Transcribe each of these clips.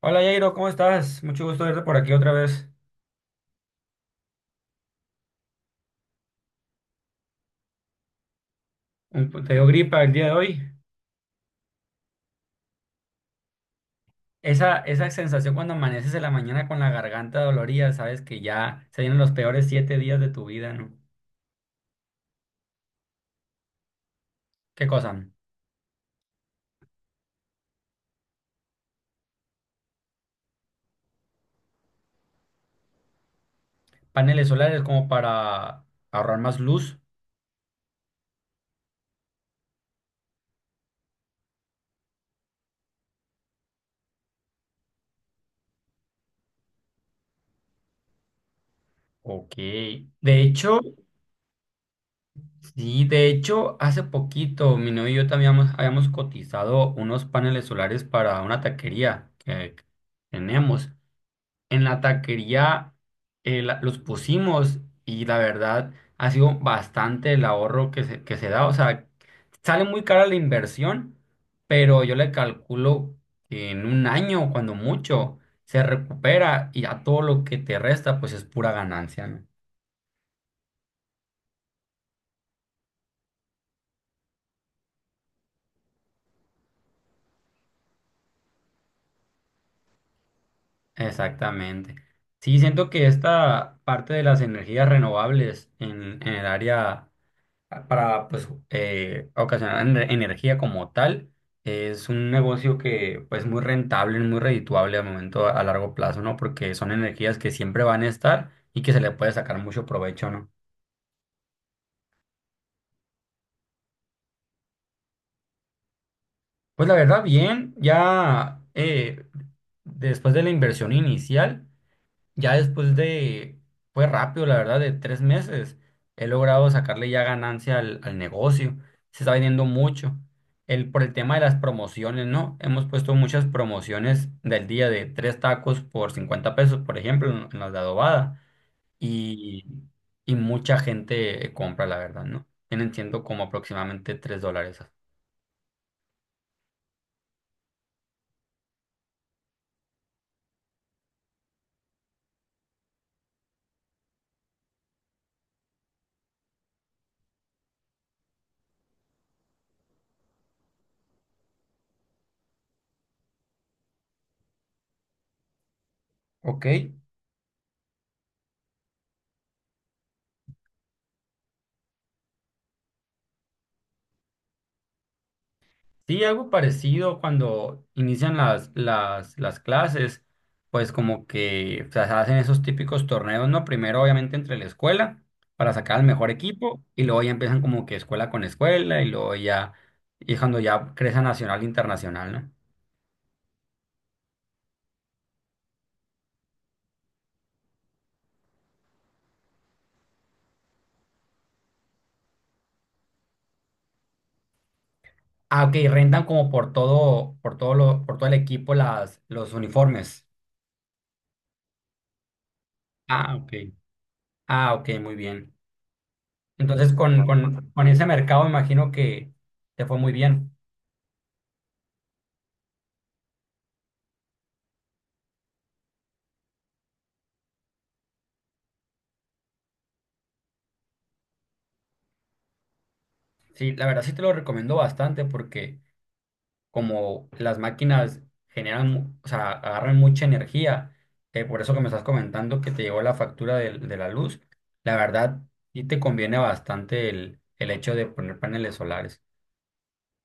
Hola Jairo, ¿cómo estás? Mucho gusto verte por aquí otra vez. Te dio gripa el día de hoy. Esa sensación cuando amaneces en la mañana con la garganta dolorida, sabes que ya se vienen los peores 7 días de tu vida, ¿no? ¿Qué cosa? Paneles solares como para ahorrar más luz. Ok. De hecho, sí, de hecho, hace poquito mi novio y yo también habíamos cotizado unos paneles solares para una taquería que tenemos. En la taquería, los pusimos y la verdad ha sido bastante el ahorro que se da. O sea, sale muy cara la inversión, pero yo le calculo que en un año, cuando mucho, se recupera y a todo lo que te resta, pues es pura ganancia, ¿no? Exactamente. Sí, siento que esta parte de las energías renovables en el área para pues ocasionar energía como tal. Es un negocio que pues muy rentable, muy redituable al momento a largo plazo, ¿no? Porque son energías que siempre van a estar y que se le puede sacar mucho provecho, ¿no? Pues la verdad, bien, ya, después de la inversión inicial. Ya después de, fue rápido, la verdad, de 3 meses, he logrado sacarle ya ganancia al, al negocio. Se está vendiendo mucho. El, por el tema de las promociones, ¿no? Hemos puesto muchas promociones del día de tres tacos por 50 pesos, por ejemplo, en las de adobada. Y, y mucha gente compra, la verdad, ¿no? Tienen siendo como aproximadamente $3. Ok. Sí, algo parecido cuando inician las clases, pues como que o sea, se hacen esos típicos torneos, ¿no? Primero obviamente entre la escuela para sacar al mejor equipo y luego ya empiezan como que escuela con escuela y luego ya, y cuando ya crece a nacional, e internacional, ¿no? Ah, ok, rentan como por todo el equipo los uniformes. Ah, ok. Ah, ok, muy bien. Entonces con ese mercado imagino que te fue muy bien. Sí, la verdad sí te lo recomiendo bastante porque como las máquinas generan, o sea, agarran mucha energía, por eso que me estás comentando que te llegó la factura de la luz, la verdad sí te conviene bastante el hecho de poner paneles solares.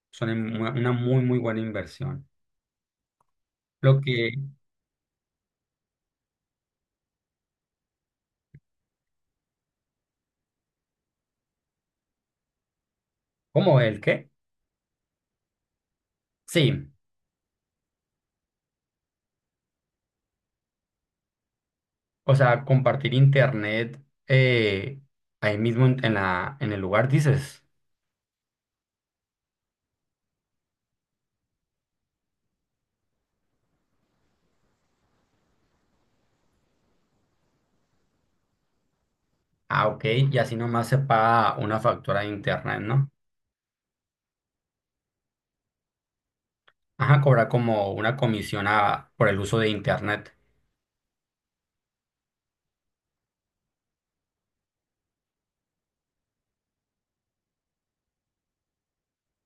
Son en- una muy, muy buena inversión. Lo que, ¿Cómo el qué? Sí, o sea, compartir internet, eh, ahí mismo en, en el lugar dices, ah, ok, y así nomás se paga una factura de internet, ¿no? Ajá, cobrar como una comisión por el uso de internet.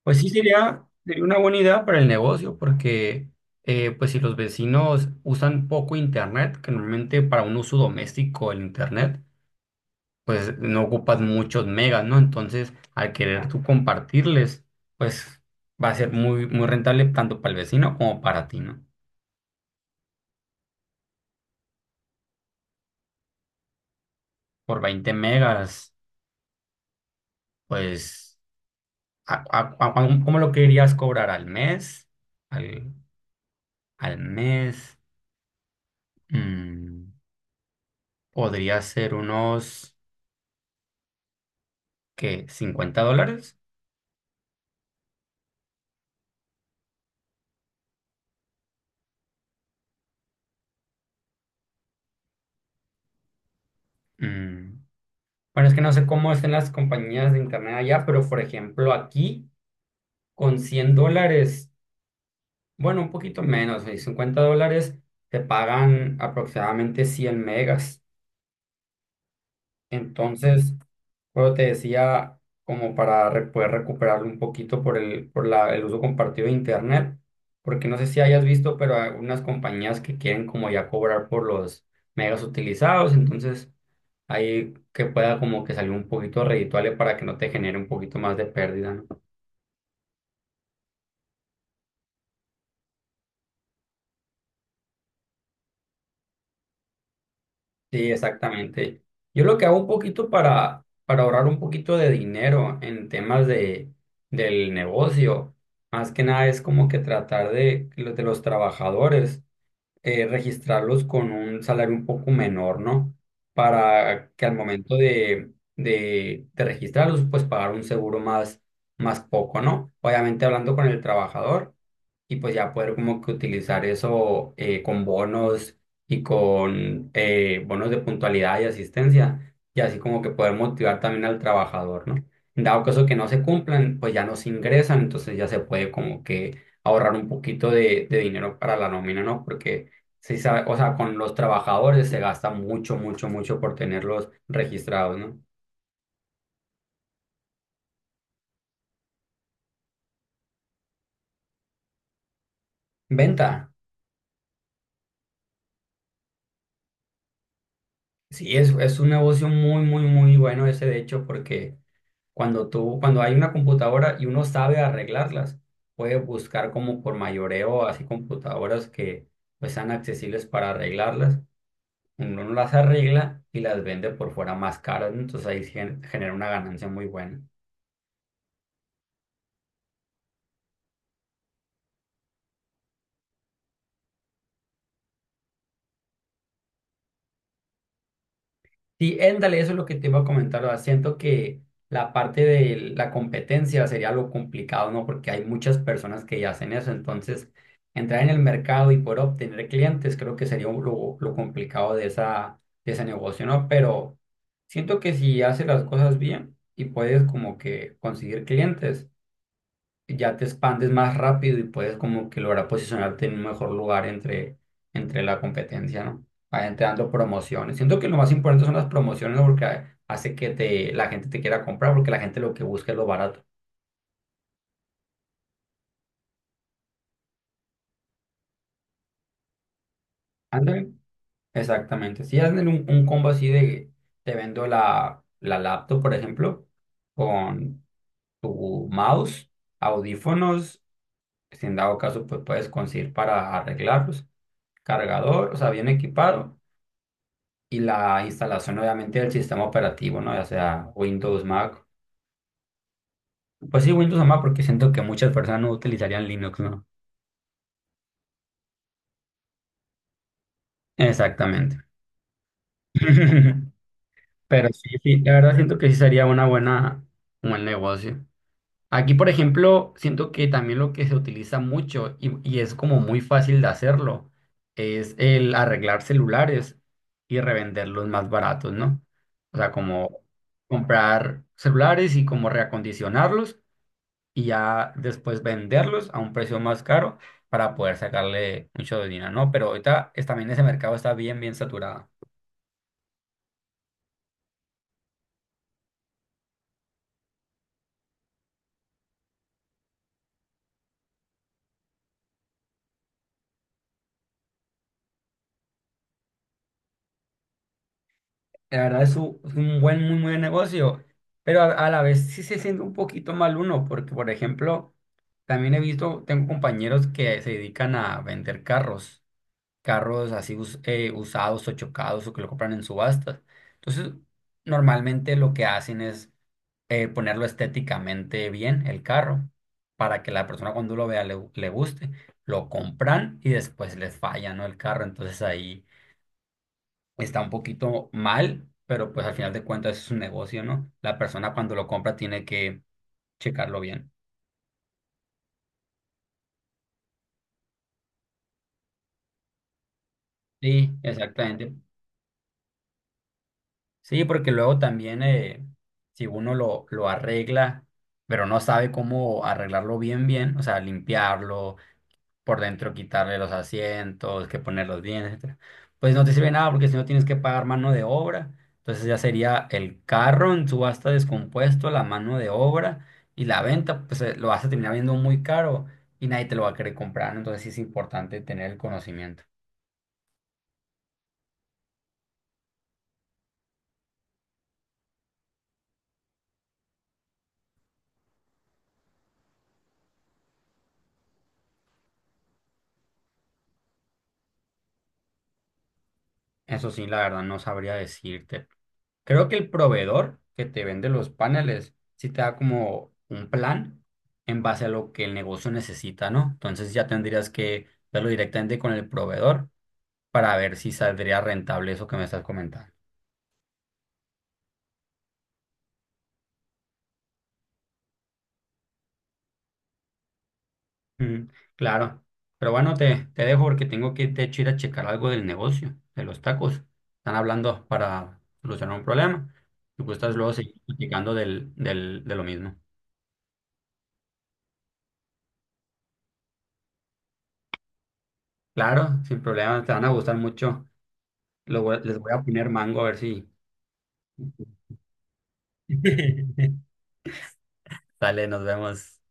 Pues sí, sería, sería una buena idea para el negocio, porque pues si los vecinos usan poco internet, que normalmente para un uso doméstico el internet, pues no ocupas muchos megas, ¿no? Entonces, al querer tú compartirles, pues va a ser muy, muy rentable tanto para el vecino como para ti, ¿no? Por 20 megas, pues, a- a- a- ¿cómo lo querías cobrar al mes? Al, al mes. Mm, podría ser unos, ¿qué? ¿$50? Mm, bueno, es que no sé cómo es en las compañías de internet allá, pero por ejemplo aquí con $100, bueno, un poquito menos, $50, te pagan aproximadamente 100 megas. Entonces, bueno, te decía, como para poder recuperarlo un poquito por el uso compartido de internet, porque no sé si hayas visto, pero hay unas compañías que quieren como ya cobrar por los megas utilizados, entonces ahí que pueda como que salir un poquito redituable para que no te genere un poquito más de pérdida, ¿no? Sí, exactamente. Yo lo que hago un poquito para ahorrar un poquito de dinero en temas del negocio, más que nada es como que tratar de los trabajadores, registrarlos con un salario un poco menor, ¿no? Para que al momento de registrarlos, pues pagar un seguro más, más poco, ¿no? Obviamente hablando con el trabajador y pues ya poder como que utilizar eso, con bonos y con bonos de puntualidad y asistencia y así como que poder motivar también al trabajador, ¿no? Dado caso que no se cumplan, pues ya no se ingresan, entonces ya se puede como que ahorrar un poquito de dinero para la nómina, ¿no? Porque sí, sabe, o sea, con los trabajadores se gasta mucho, mucho, mucho por tenerlos registrados, ¿no? Venta. Sí, es un negocio muy, muy, muy bueno ese, de hecho, porque cuando tú, cuando hay una computadora y uno sabe arreglarlas, puede buscar como por mayoreo, así computadoras que pues sean accesibles para arreglarlas. Uno las arregla y las vende por fuera más caras, ¿no? Entonces ahí genera una ganancia muy buena. Sí, éndale, eso es lo que te iba a comentar. O sea, siento que la parte de la competencia sería lo complicado, ¿no? Porque hay muchas personas que ya hacen eso. Entonces, entrar en el mercado y poder obtener clientes, creo que sería lo complicado de ese negocio, ¿no? Pero siento que si haces las cosas bien y puedes como que conseguir clientes, ya te expandes más rápido y puedes como que lograr posicionarte en un mejor lugar entre la competencia, ¿no? Vayan te dando promociones. Siento que lo más importante son las promociones, ¿no? Porque hace que te, la gente te quiera comprar porque la gente lo que busca es lo barato. Ándale, exactamente. Si hacen un combo así de te vendo la laptop, por ejemplo, con tu mouse, audífonos, si en dado caso pues puedes conseguir para arreglarlos, cargador, o sea, bien equipado y la instalación obviamente del sistema operativo, ¿no? Ya sea Windows, Mac. Pues sí, Windows o Mac porque siento que muchas personas no utilizarían Linux, ¿no? Exactamente. Pero sí, sí, la verdad siento que sí sería una buena, un buen negocio. Aquí, por ejemplo, siento que también lo que se utiliza mucho y es como muy fácil de hacerlo es el arreglar celulares y revenderlos más baratos, ¿no? O sea, como comprar celulares y como reacondicionarlos y ya después venderlos a un precio más caro para poder sacarle mucho dinero, ¿no? Pero ahorita también ese mercado está bien, bien saturado. La verdad es un buen, muy buen negocio, pero a la vez sí se siente un poquito mal uno, porque por ejemplo, también he visto, tengo compañeros que se dedican a vender carros, carros así usados o chocados o que lo compran en subastas. Entonces, normalmente lo que hacen es, ponerlo estéticamente bien el carro para que la persona cuando lo vea le guste. Lo compran y después les falla, ¿no? El carro. Entonces ahí está un poquito mal, pero pues al final de cuentas es un negocio, ¿no? La persona cuando lo compra tiene que checarlo bien. Sí, exactamente. Sí, porque luego también, si uno lo arregla, pero no sabe cómo arreglarlo bien, bien, o sea, limpiarlo por dentro, quitarle los asientos, que poner los bienes, etcétera. Pues no te sirve nada porque si no tienes que pagar mano de obra. Entonces ya sería el carro en subasta descompuesto, la mano de obra y la venta, pues, lo vas a terminar viendo muy caro y nadie te lo va a querer comprar, ¿no? Entonces sí es importante tener el conocimiento. Eso sí, la verdad no sabría decirte, creo que el proveedor que te vende los paneles sí te da como un plan en base a lo que el negocio necesita, ¿no? Entonces ya tendrías que verlo directamente con el proveedor para ver si saldría rentable eso que me estás comentando. Mm, claro. Pero bueno, te dejo porque tengo que de hecho ir a checar algo del negocio, de los tacos. Están hablando para solucionar un problema. Si gustas luego seguir platicando de lo mismo. Claro, sin problema, te van a gustar mucho. Les voy a poner mango a ver si... Vale, nos vemos.